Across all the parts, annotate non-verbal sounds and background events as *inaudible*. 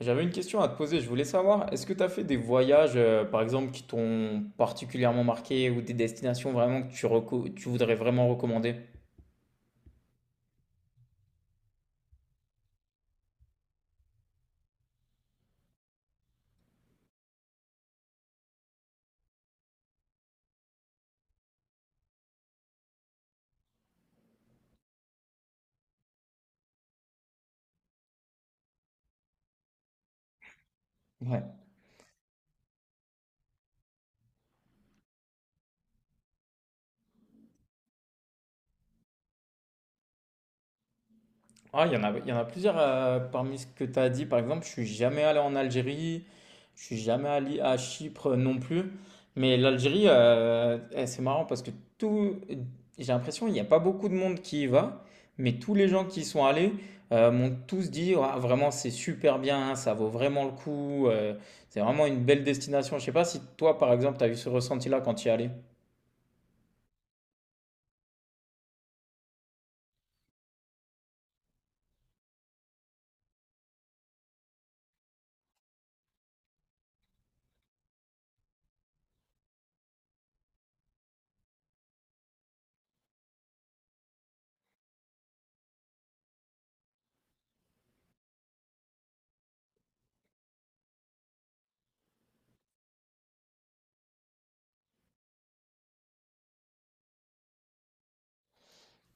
J'avais une question à te poser. Je voulais savoir, est-ce que tu as fait des voyages, par exemple, qui t'ont particulièrement marqué ou des destinations vraiment que tu voudrais vraiment recommander? Ouais. Ah, il y en a, il y en a plusieurs parmi ce que tu as dit. Par exemple, je suis jamais allé en Algérie, je suis jamais allé à Chypre non plus. Mais l'Algérie, c'est marrant parce que tout, j'ai l'impression qu'il n'y a pas beaucoup de monde qui y va, mais tous les gens qui y sont allés m'ont tous dit ouah, vraiment c'est super bien, ça vaut vraiment le coup, c'est vraiment une belle destination. Je sais pas si toi, par exemple, tu as eu ce ressenti-là quand tu y es allé.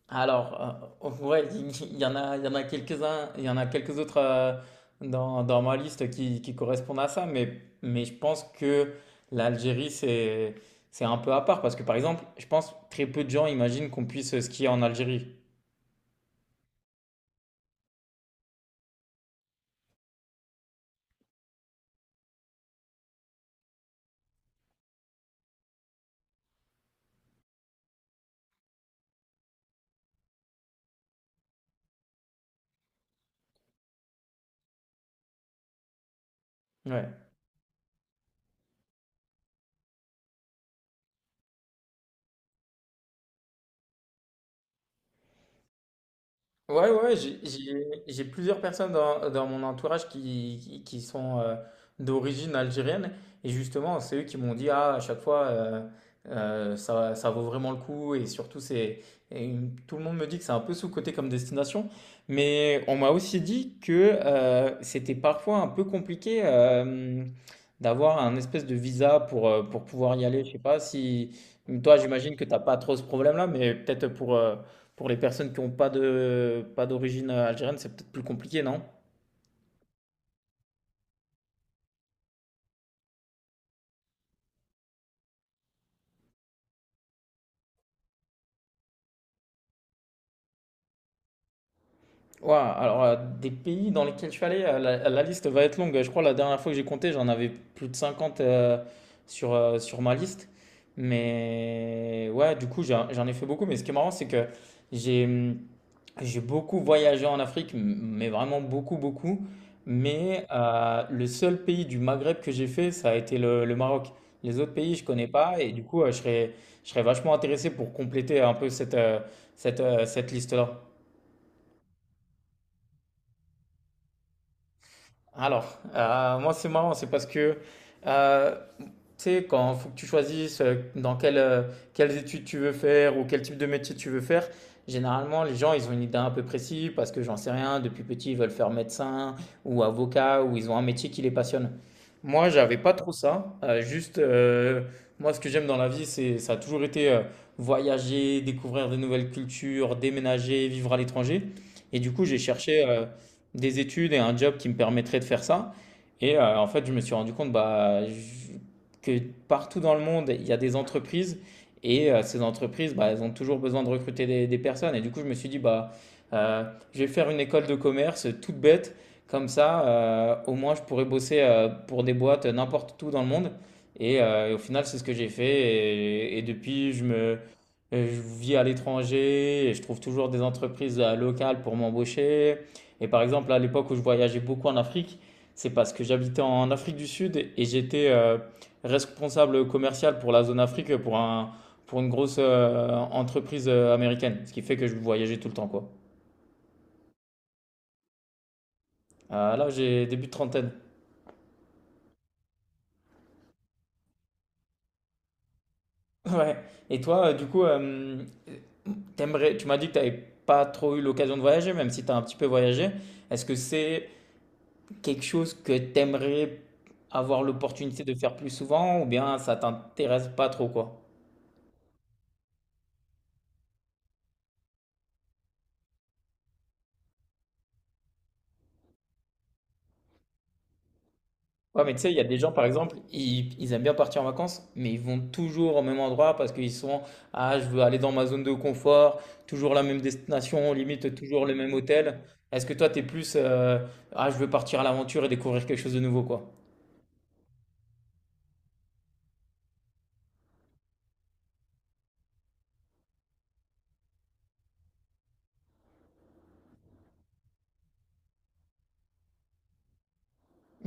Alors, ouais, il y en a, il y en a quelques-uns, il y en a quelques autres dans ma liste qui correspondent à ça, mais je pense que l'Algérie, c'est un peu à part, parce que par exemple, je pense très peu de gens imaginent qu'on puisse skier en Algérie. Ouais. Ouais, ouais, j'ai plusieurs personnes dans mon entourage qui sont d'origine algérienne. Et justement, c'est eux qui m'ont dit, ah, à chaque fois, ça vaut vraiment le coup. Et surtout, c'est, et tout le monde me dit que c'est un peu sous-coté comme destination. Mais on m'a aussi dit que c'était parfois un peu compliqué d'avoir un espèce de visa pour pouvoir y aller. Je sais pas si... Toi, j'imagine que t'as pas trop ce problème-là, mais peut-être pour les personnes qui n'ont pas pas d'origine algérienne, c'est peut-être plus compliqué, non? Ouah, alors, des pays dans lesquels je suis allé, euh, la liste va être longue. Je crois la dernière fois que j'ai compté, j'en avais plus de 50 sur ma liste. Mais ouais, du coup, j'en ai fait beaucoup. Mais ce qui est marrant, c'est que j'ai, hum, j'ai beaucoup voyagé en Afrique, mais vraiment beaucoup, beaucoup. Mais le seul pays du Maghreb que j'ai fait, ça a été le Maroc. Les autres pays, je connais pas. Et du coup, je serais vachement intéressé pour compléter un peu cette, cette liste-là. Alors, moi, c'est marrant. C'est parce que euh, tu sais, quand faut que tu choisisses quelles études tu veux faire ou quel type de métier tu veux faire, généralement, les gens, ils ont une idée un peu précise parce que j'en sais rien, depuis petit, ils veulent faire médecin ou avocat ou ils ont un métier qui les passionne. Moi, j'avais pas trop ça. Moi, ce que j'aime dans la vie, ça a toujours été voyager, découvrir de nouvelles cultures, déménager, vivre à l'étranger. Et du coup, j'ai cherché des études et un job qui me permettrait de faire ça. Et en fait, je me suis rendu compte, bah, que partout dans le monde, il y a des entreprises et ces entreprises, bah, elles ont toujours besoin de recruter des personnes. Et du coup, je me suis dit, bah, euh, je vais faire une école de commerce toute bête, comme ça, au moins je pourrais bosser pour des boîtes n'importe où dans le monde. Et au final, c'est ce que j'ai fait. Et depuis, je vis à l'étranger et je trouve toujours des entreprises locales pour m'embaucher. Et par exemple, à l'époque où je voyageais beaucoup en Afrique, c'est parce que j'habitais en Afrique du Sud et j'étais responsable commercial pour la zone Afrique pour une grosse entreprise américaine. Ce qui fait que je voyageais tout le temps, quoi. Là, j'ai début de trentaine. *laughs* Ouais. Et toi, tu m'as dit que tu n'avais pas trop eu l'occasion de voyager, même si tu as un petit peu voyagé. Est-ce que c'est quelque chose que tu aimerais avoir l'opportunité de faire plus souvent ou bien ça t'intéresse pas trop, quoi? Ouais, mais tu sais, il y a des gens, par exemple, ils aiment bien partir en vacances, mais ils vont toujours au même endroit parce qu'ils sont, ah, je veux aller dans ma zone de confort, toujours la même destination, limite toujours le même hôtel. Est-ce que toi, t'es plus, ah, je veux partir à l'aventure et découvrir quelque chose de nouveau, quoi.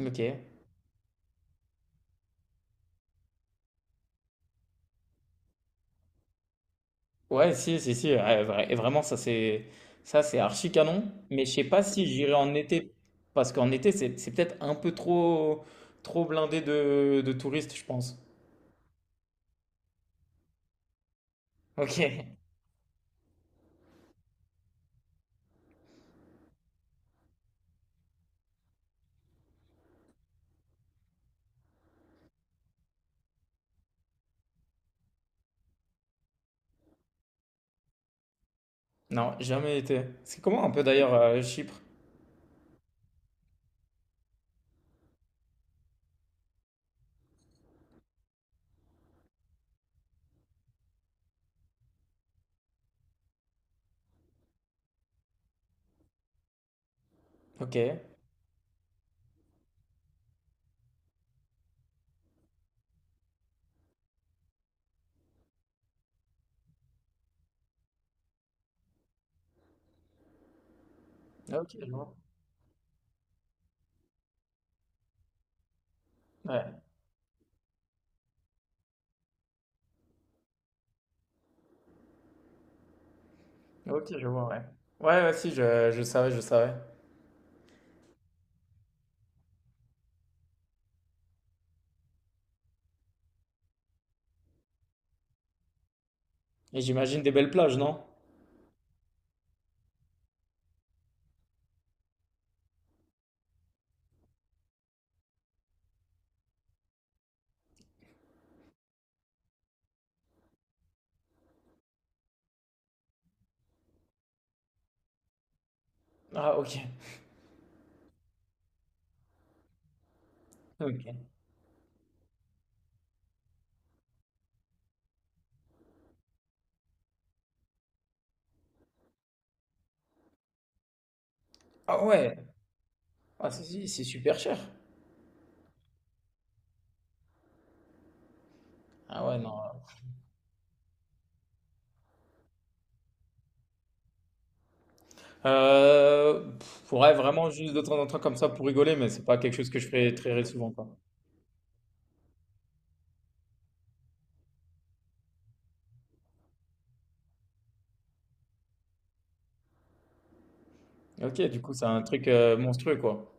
Ok. Ouais, si, si, si, ouais, et vraiment, ça, c'est archi canon. Mais je sais pas si j'irai en été parce qu'en été, c'est peut-être un peu trop, trop blindé de touristes, je pense. Ok. Non, jamais été. C'est comment un peu d'ailleurs Chypre? Ok. Ah, ok, je vois. Ouais. Ok, je vois, ouais. Ouais, ouais, si, je savais, je savais. Et j'imagine des belles plages, non? Ah, ok. Ok. Ah ouais. Ah, si, si, c'est super cher. Ah ouais, non. Ouais, vraiment juste de temps en temps comme ça pour rigoler, mais c'est pas quelque chose que je fais très souvent, quoi. Ok, du coup, c'est un truc monstrueux, quoi.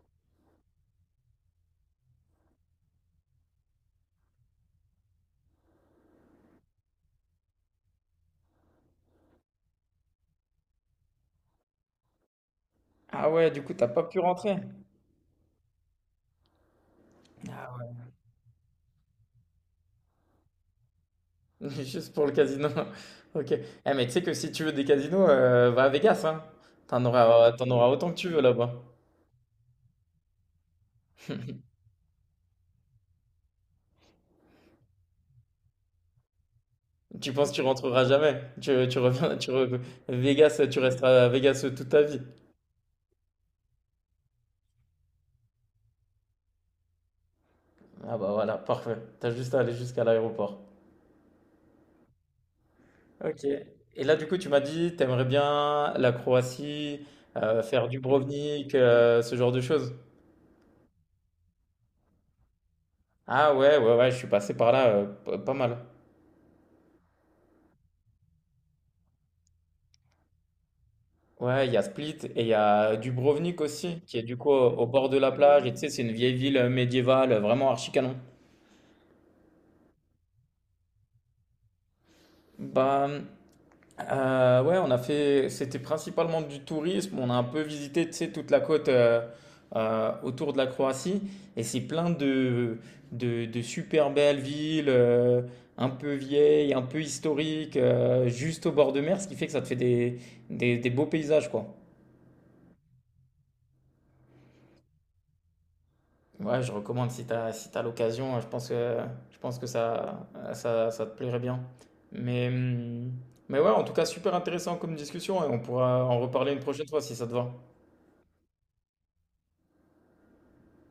Ah ouais, du coup, t'as pas pu rentrer. *laughs* Juste pour le casino. *laughs* Ok. Mais tu sais que si tu veux des casinos, va à Vegas, hein. T'en auras autant que tu veux là-bas. Tu penses que tu rentreras jamais. Tu reviens, tu re- Vegas, tu resteras à Vegas toute ta vie. Ah bah voilà, parfait. T'as juste à aller jusqu'à l'aéroport. Ok. Et là, du coup, tu m'as dit, t'aimerais bien la Croatie, faire Dubrovnik, ce genre de choses. Ah ouais, ouais, ouais, je suis passé par là, pas mal. Ouais, il y a Split et il y a Dubrovnik aussi, qui est du coup au bord de la plage. Et tu sais, c'est une vieille ville médiévale, vraiment archi canon. Bah ouais, on a fait, c'était principalement du tourisme. On a un peu visité, tu sais, toute la côte autour de la Croatie. Et c'est plein de super belles villes, un peu vieilles, un peu historiques, juste au bord de mer, ce qui fait que ça te fait des beaux paysages, quoi. Ouais, je recommande si tu as, si t'as l'occasion, je pense que ça te plairait bien. Mais, hum, mais ouais, en tout cas, super intéressant comme discussion et on pourra en reparler une prochaine fois si ça te va.